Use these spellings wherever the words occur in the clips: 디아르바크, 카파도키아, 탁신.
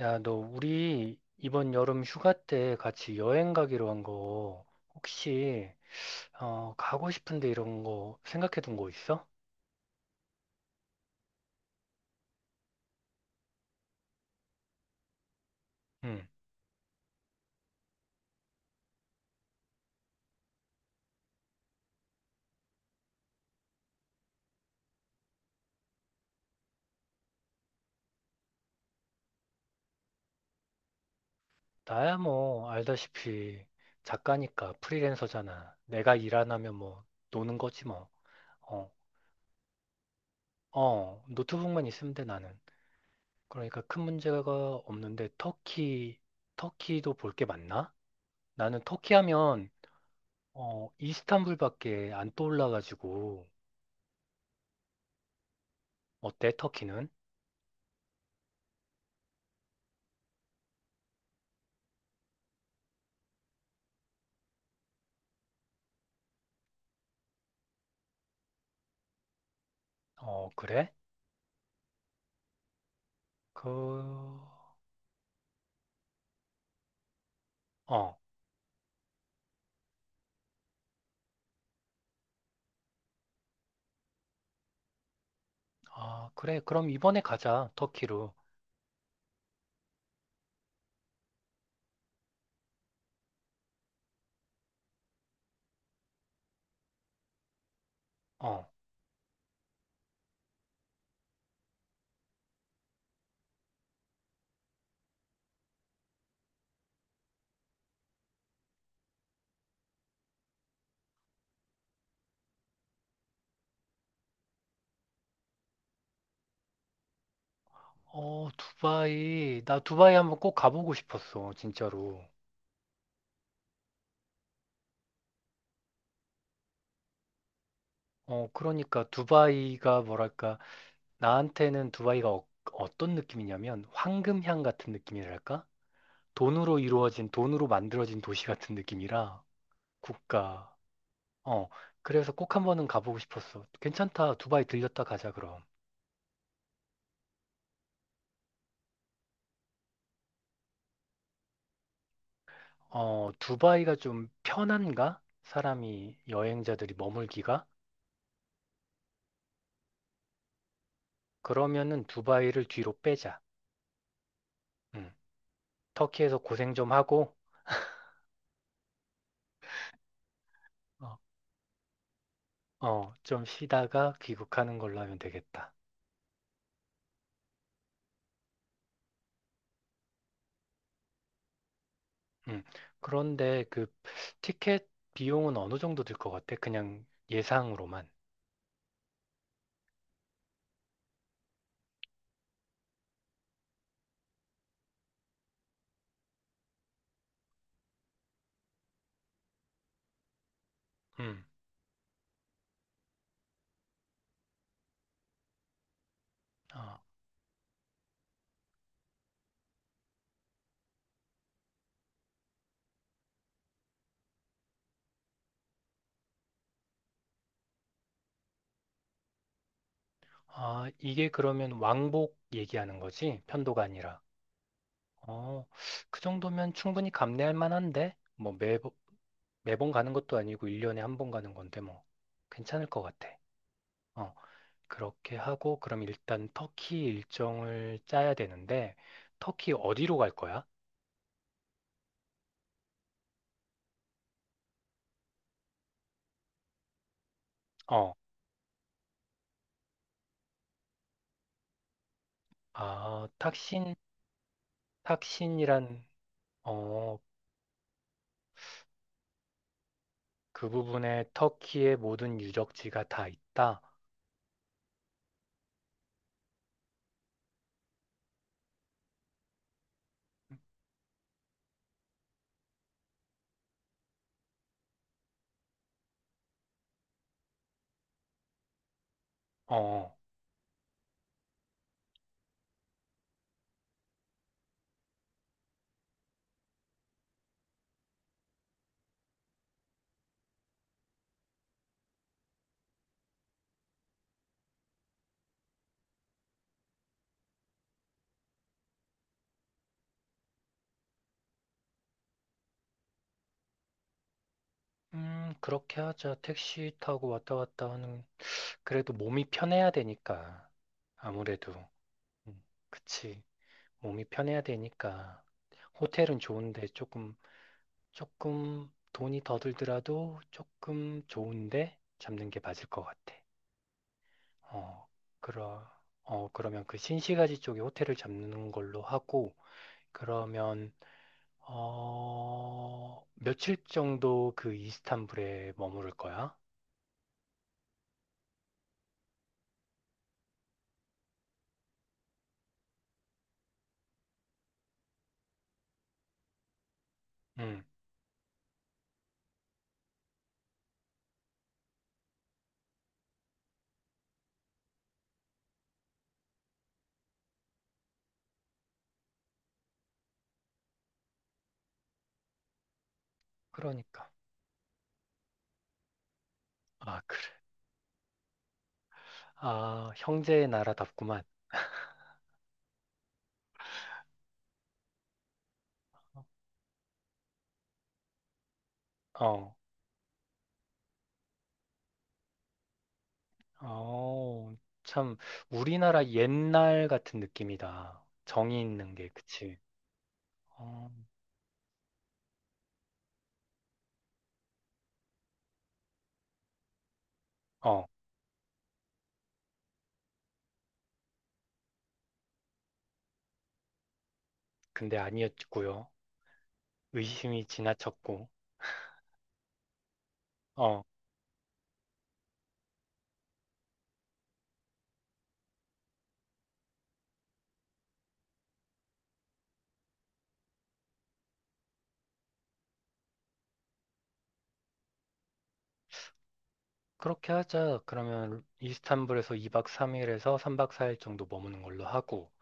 야, 너 우리 이번 여름 휴가 때 같이 여행 가기로 한 거 혹시 가고 싶은데 이런 거 생각해 둔 거 있어? 응. 나야 뭐 알다시피 작가니까 프리랜서잖아. 내가 일 안 하면 뭐 노는 거지 뭐. 어. 어, 노트북만 있으면 돼 나는. 그러니까 큰 문제가 없는데 터키도 볼 게 많나? 나는 터키 하면 이스탄불밖에 안 떠올라 가지고 어때 터키는? 어, 그래? 그, 어, 아, 그래. 그럼 이번에 가자, 터키로. 어, 어, 두바이. 나 두바이 한번 꼭 가보고 싶었어, 진짜로. 어, 그러니까 두바이가 뭐랄까, 나한테는 두바이가 어떤 느낌이냐면 황금향 같은 느낌이랄까? 돈으로 이루어진, 돈으로 만들어진 도시 같은 느낌이라 국가. 어, 그래서 꼭 한번은 가보고 싶었어. 괜찮다. 두바이 들렸다 가자, 그럼. 어, 두바이가 좀 편한가? 사람이, 여행자들이 머물기가? 그러면은 두바이를 뒤로 빼자. 음, 터키에서 고생 좀 하고, 어, 어, 좀 쉬다가 귀국하는 걸로 하면 되겠다. 음, 그런데 그 티켓 비용은 어느 정도 들 것 같아? 그냥 예상으로만. 음, 어, 아, 이게 그러면 왕복 얘기하는 거지? 편도가 아니라. 어, 그 정도면 충분히 감내할 만한데? 뭐 매, 매번 가는 것도 아니고 1년에 한 번 가는 건데 뭐 괜찮을 것 같아. 어, 그렇게 하고 그럼 일단 터키 일정을 짜야 되는데 터키 어디로 갈 거야? 어, 아, 탁신, 탁신이란 어, 그 부분에 터키의 모든 유적지가 다 있다. 어, 그렇게 하자. 택시 타고 왔다 갔다 하는 그래도 몸이 편해야 되니까 아무래도 음, 그치. 몸이 편해야 되니까 호텔은 좋은데 조금 돈이 더 들더라도 조금 좋은데 잡는 게 맞을 것 같아. 어, 그러, 그러면 그 신시가지 쪽에 호텔을 잡는 걸로 하고 그러면 며칠 정도 그 이스탄불에 머무를 거야? 음, 그러니까. 아, 그래. 아, 형제의 나라답구만. 어 어, 참, 우리나라 옛날 같은 느낌이다. 정이 있는 게, 그치? 어, 어, 근데 아니었고요. 의심이 지나쳤고. 어, 그렇게 하자. 그러면 이스탄불에서 2박 3일에서 3박 4일 정도 머무는 걸로 하고,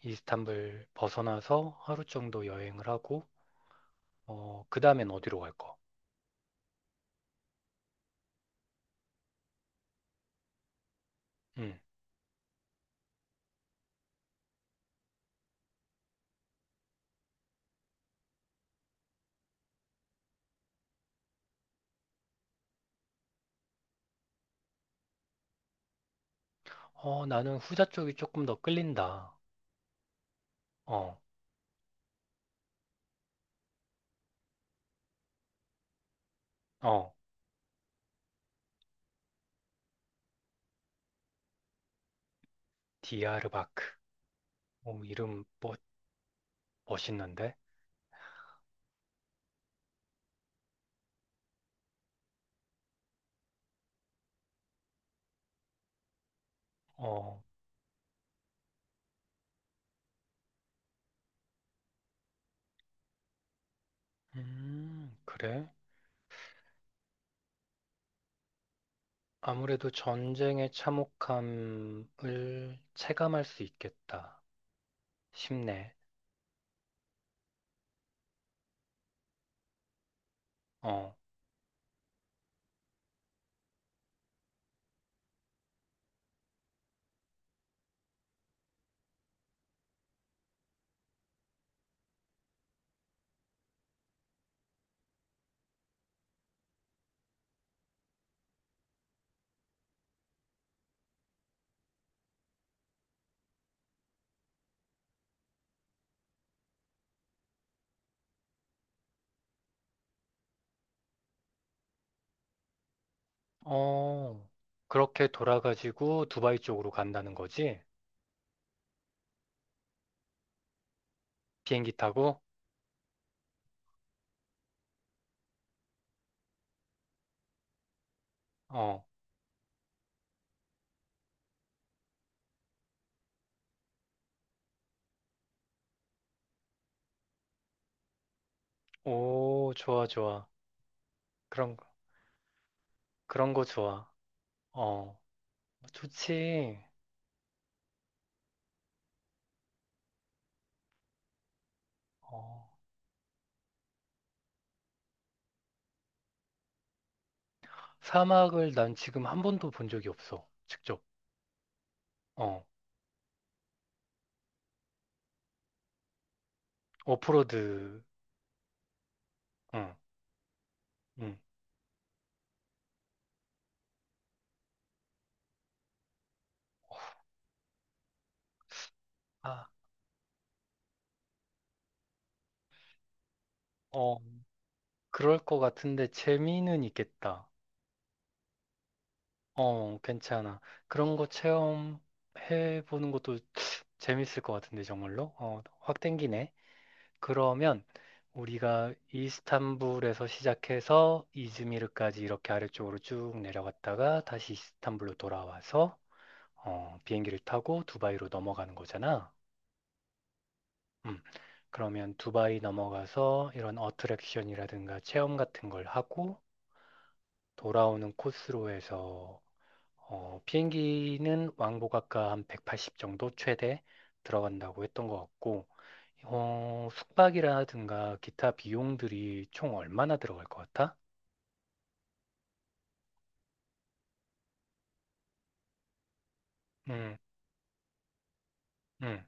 이스탄불 벗어나서 하루 정도 여행을 하고, 어, 그 다음엔 어디로 갈 거? 음 어, 나는 후자 쪽이 조금 더 끌린다. 어, 어, 디아르바크. 어, 이름 멋, 멋있는데? 어, 그래? 아무래도 전쟁의 참혹함을 체감할 수 있겠다 싶네. 어, 어, 그렇게 돌아가지고 두바이 쪽으로 간다는 거지? 비행기 타고? 어, 오, 좋아, 좋아. 그런, 그런 거 좋아. 어, 좋지. 어, 사막을 난 지금 한 번도 본 적이 없어. 직접. 어, 오프로드. 응, 응. 아, 어, 그럴 것 같은데 재미는 있겠다. 어, 괜찮아. 그런 거 체험해보는 것도 재밌을 것 같은데, 정말로? 어, 확 땡기네. 그러면 우리가 이스탄불에서 시작해서 이즈미르까지 이렇게 아래쪽으로 쭉 내려갔다가 다시 이스탄불로 돌아와서 비행기를 타고 두바이로 넘어가는 거잖아. 음, 그러면 두바이 넘어가서 이런 어트랙션이라든가 체험 같은 걸 하고 돌아오는 코스로 해서 어, 비행기는 왕복아까 한 180 정도 최대 들어간다고 했던 것 같고, 숙박이라든가 기타 비용들이 총 얼마나 들어갈 것 같아? 음, 음.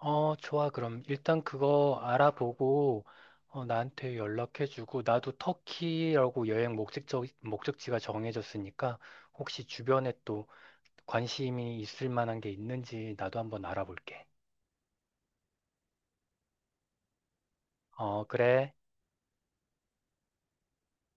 어, 좋아. 그럼 일단 그거 알아보고, 어, 나한테 연락해주고, 나도 터키라고 여행 목적지, 목적지가 정해졌으니까, 혹시 주변에 또 관심이 있을 만한 게 있는지 나도 한번 알아볼게. 어, 그래.